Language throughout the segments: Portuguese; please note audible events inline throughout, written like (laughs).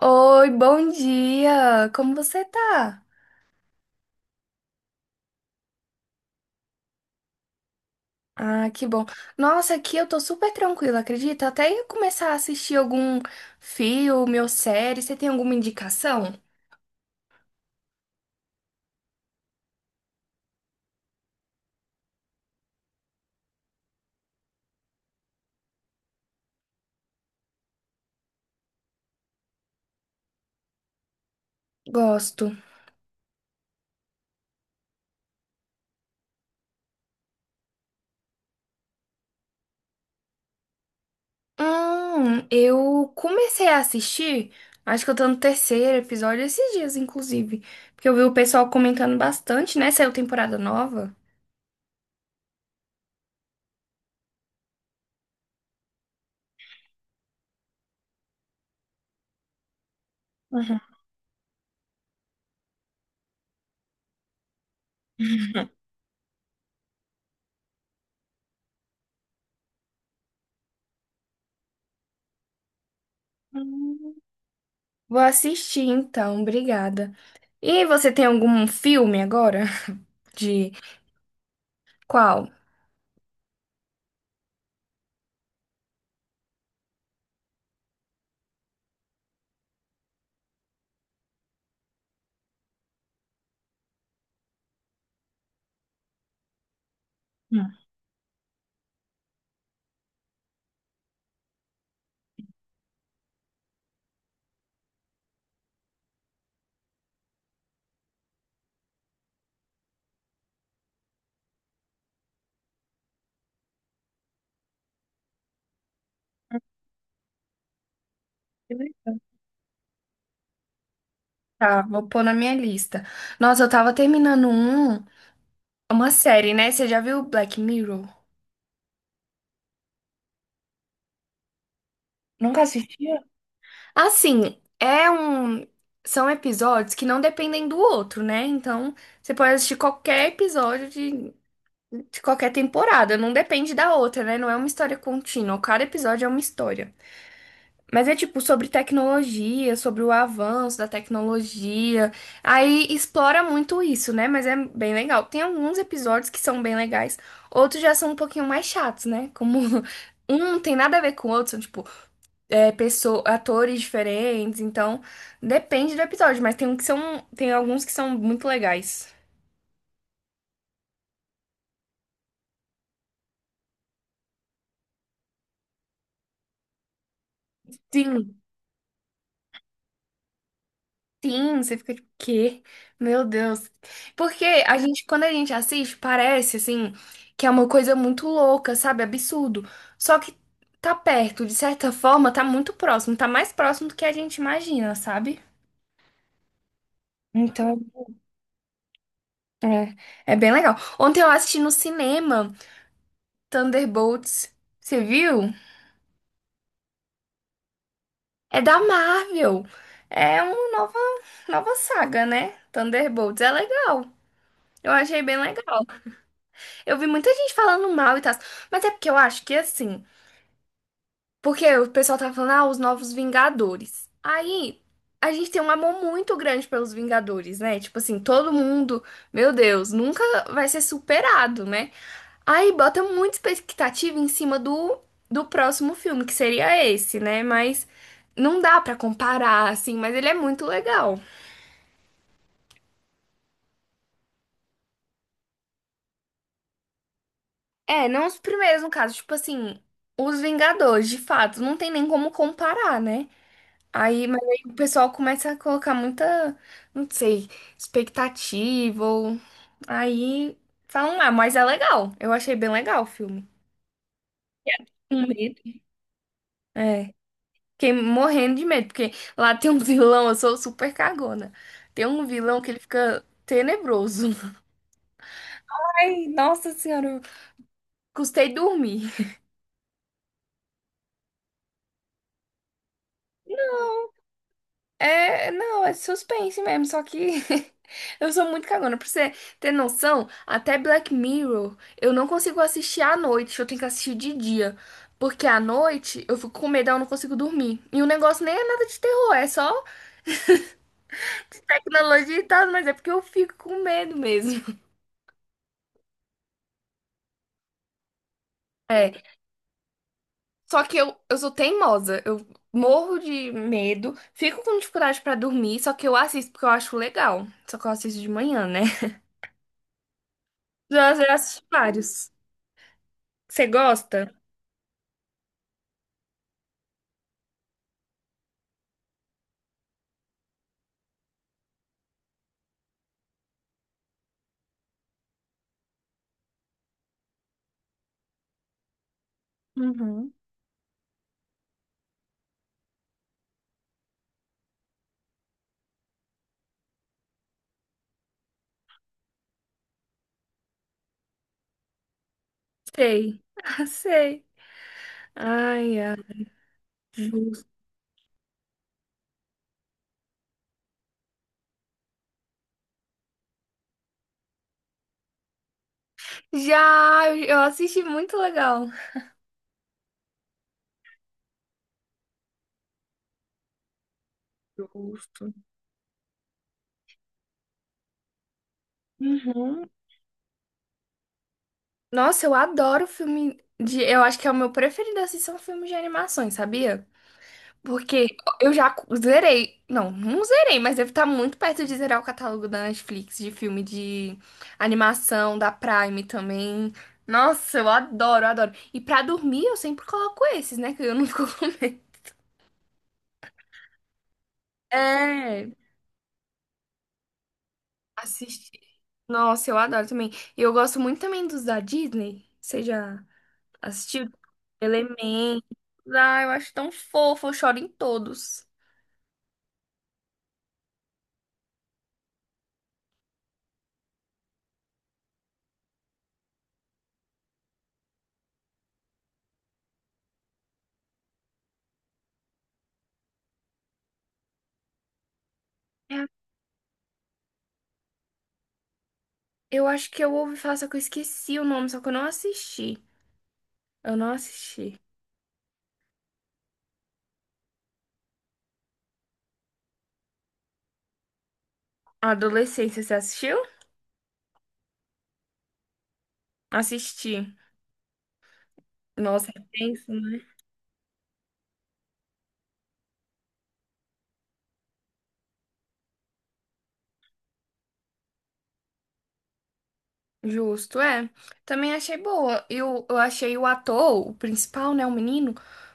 Oi, bom dia! Como você tá? Ah, que bom. Nossa, aqui eu tô super tranquila, acredita? Até ia começar a assistir algum filme ou série. Você tem alguma indicação? Gosto. Eu comecei a assistir, acho que eu tô no terceiro episódio esses dias, inclusive. Porque eu vi o pessoal comentando bastante, né? Saiu temporada nova. Uhum. Vou assistir então, obrigada. E você tem algum filme agora? (laughs) De qual? Que legal. Tá, vou pôr na minha lista. Nossa, eu tava terminando um, uma série, né? Você já viu Black Mirror? Nunca assistia? Assim, é um. São episódios que não dependem do outro, né? Então, você pode assistir qualquer episódio de qualquer temporada, não depende da outra, né? Não é uma história contínua. Cada episódio é uma história. Mas é tipo sobre tecnologia, sobre o avanço da tecnologia. Aí explora muito isso, né? Mas é bem legal. Tem alguns episódios que são bem legais, outros já são um pouquinho mais chatos, né? Como (laughs) um não tem nada a ver com o outro, são tipo pessoa, atores diferentes. Então depende do episódio, mas tem um que são, tem alguns que são muito legais. Sim. Sim, você fica tipo, quê? Meu Deus. Porque a gente, quando a gente assiste, parece assim que é uma coisa muito louca, sabe? Absurdo. Só que tá perto, de certa forma, tá muito próximo, tá mais próximo do que a gente imagina, sabe? Então, é, é bem legal. Ontem eu assisti no cinema Thunderbolts. Você viu? É da Marvel. É uma nova, nova saga, né? Thunderbolts. É legal. Eu achei bem legal. Eu vi muita gente falando mal e tal, mas é porque eu acho que assim, porque o pessoal tava falando, ah, os novos Vingadores. Aí a gente tem um amor muito grande pelos Vingadores, né? Tipo assim, todo mundo, meu Deus, nunca vai ser superado, né? Aí bota muita expectativa em cima do, do próximo filme, que seria esse, né? Mas não dá pra comparar, assim, mas ele é muito legal. É, não os primeiros, no caso, tipo assim, os Vingadores, de fato, não tem nem como comparar, né? Aí, mas aí o pessoal começa a colocar muita, não sei, expectativa. Ou- Aí falam, ah, mas é legal. Eu achei bem legal o filme. Com medo. É. Fiquei morrendo de medo, porque lá tem um (laughs) vilão, eu sou super cagona. Tem um vilão que ele fica tenebroso. Ai, nossa senhora, eu custei dormir. É, não, é suspense mesmo, só que (laughs) eu sou muito cagona. Pra você ter noção, até Black Mirror eu não consigo assistir à noite, eu tenho que assistir de dia. Porque à noite eu fico com medo, eu não consigo dormir. E o negócio nem é nada de terror, é só tecnologia e tal, mas é porque eu fico com medo mesmo. (laughs) É, só que eu sou teimosa, eu morro de medo, fico com dificuldade pra dormir, só que eu assisto porque eu acho legal. Só que eu assisto de manhã, né? (laughs) Já, já assisti vários. Você gosta? Uhum. Sei. (laughs) Sei. Ai, ai. Justo. Já, eu assisti muito legal. Justo. Uhum. Nossa, eu adoro filme de. Eu acho que é o meu preferido assistir são filmes de animações, sabia? Porque eu já cu- zerei. Não, não zerei, mas deve estar muito perto de zerar o catálogo da Netflix de filme de animação, da Prime também. Nossa, eu adoro, adoro. E pra dormir eu sempre coloco esses, né? Que eu não (laughs) fico com medo. É. Assisti. Nossa, eu adoro também. E eu gosto muito também dos da Disney. Você já assistiu? Elementos. Ah, eu acho tão fofo, eu choro em todos. É, eu acho que eu ouvi falar, só que eu esqueci o nome, só que eu não assisti. Eu não assisti. Adolescência, você assistiu? Assisti. Nossa, é tenso, né? Justo, é. Também achei boa. Eu achei o ator, o principal, né? O menino.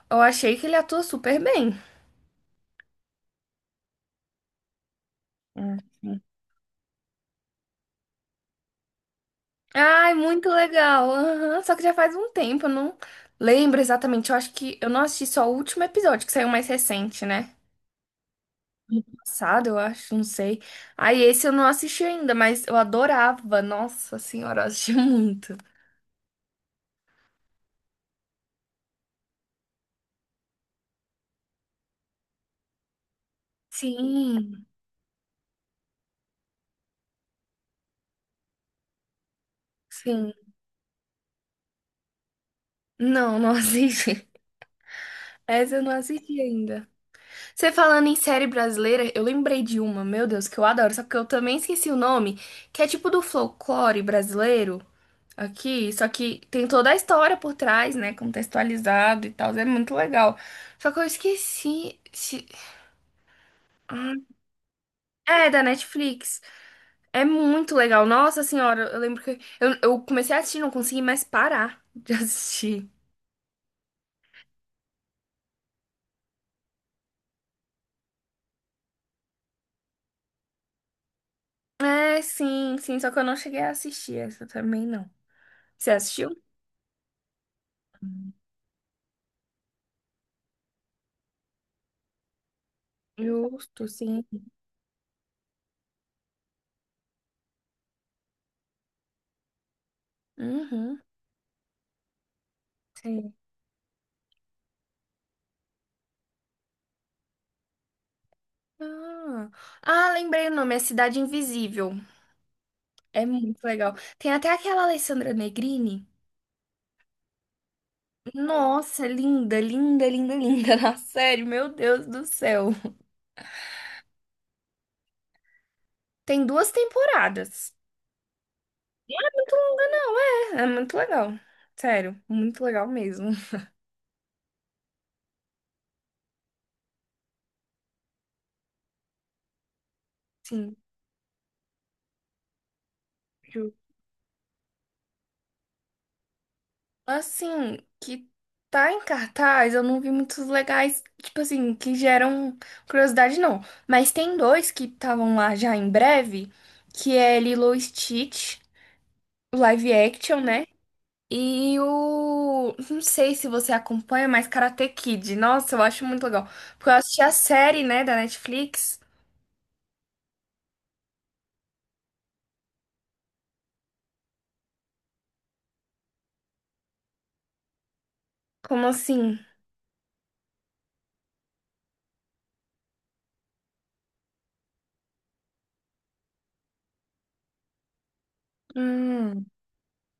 Eu achei que ele atua super bem. Hum. Ai, muito legal. Aham, só que já faz um tempo, eu não lembro exatamente. Eu acho que eu não assisti só o último episódio, que saiu mais recente, né? Passado, eu acho, não sei. Aí esse eu não assisti ainda, mas eu adorava. Nossa senhora, eu assisti (laughs) muito. Sim, sim. Não, não assisti. (laughs) Essa eu não assisti ainda. Você falando em série brasileira, eu lembrei de uma, meu Deus, que eu adoro, só que eu também esqueci o nome, que é tipo do folclore brasileiro. Aqui, só que tem toda a história por trás, né? Contextualizado e tal, é muito legal. Só que eu esqueci. Se- É, da Netflix. É muito legal. Nossa senhora, eu lembro que eu comecei a assistir, não consegui mais parar de (laughs) assistir. É, sim, sim, só que eu não cheguei a assistir essa também, não. Você assistiu? Justo, sim. Uhum, sim. Ah, ah, lembrei o nome, é Cidade Invisível. É muito legal. Tem até aquela Alessandra Negrini. Nossa, linda, linda, linda, linda. (laughs) Na série, meu Deus do céu. Tem duas temporadas. Não, é, é muito legal. Sério, muito legal mesmo. Sim, juro. Assim, que tá em cartaz, eu não vi muitos legais, tipo assim, que geram curiosidade, não. Mas tem dois que estavam lá já em breve, que é Lilo e Stitch, o live action, né? E o. Não sei se você acompanha, mas Karate Kid. Nossa, eu acho muito legal. Porque eu assisti a série, né, da Netflix. Como assim? Hum,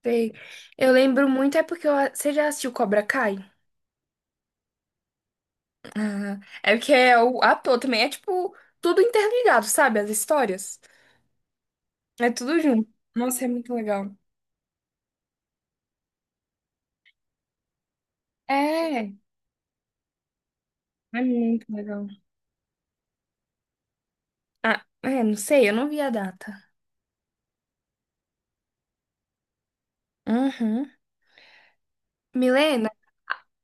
sei. Eu lembro muito, é porque eu... você já assistiu Cobra Kai? Ah, é porque é o ator também. É tipo, tudo interligado, sabe? As histórias. É tudo junto. Nossa, é muito legal. É, é muito legal. Ah, é, não sei, eu não vi a data. Uhum. Milene?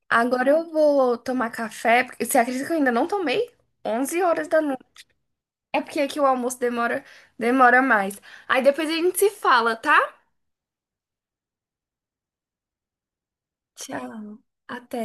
Agora eu vou tomar café, porque você acredita que eu ainda não tomei? 11 horas da noite. É porque aqui o almoço demora, demora mais. Aí depois a gente se fala, tá? Tchau, até.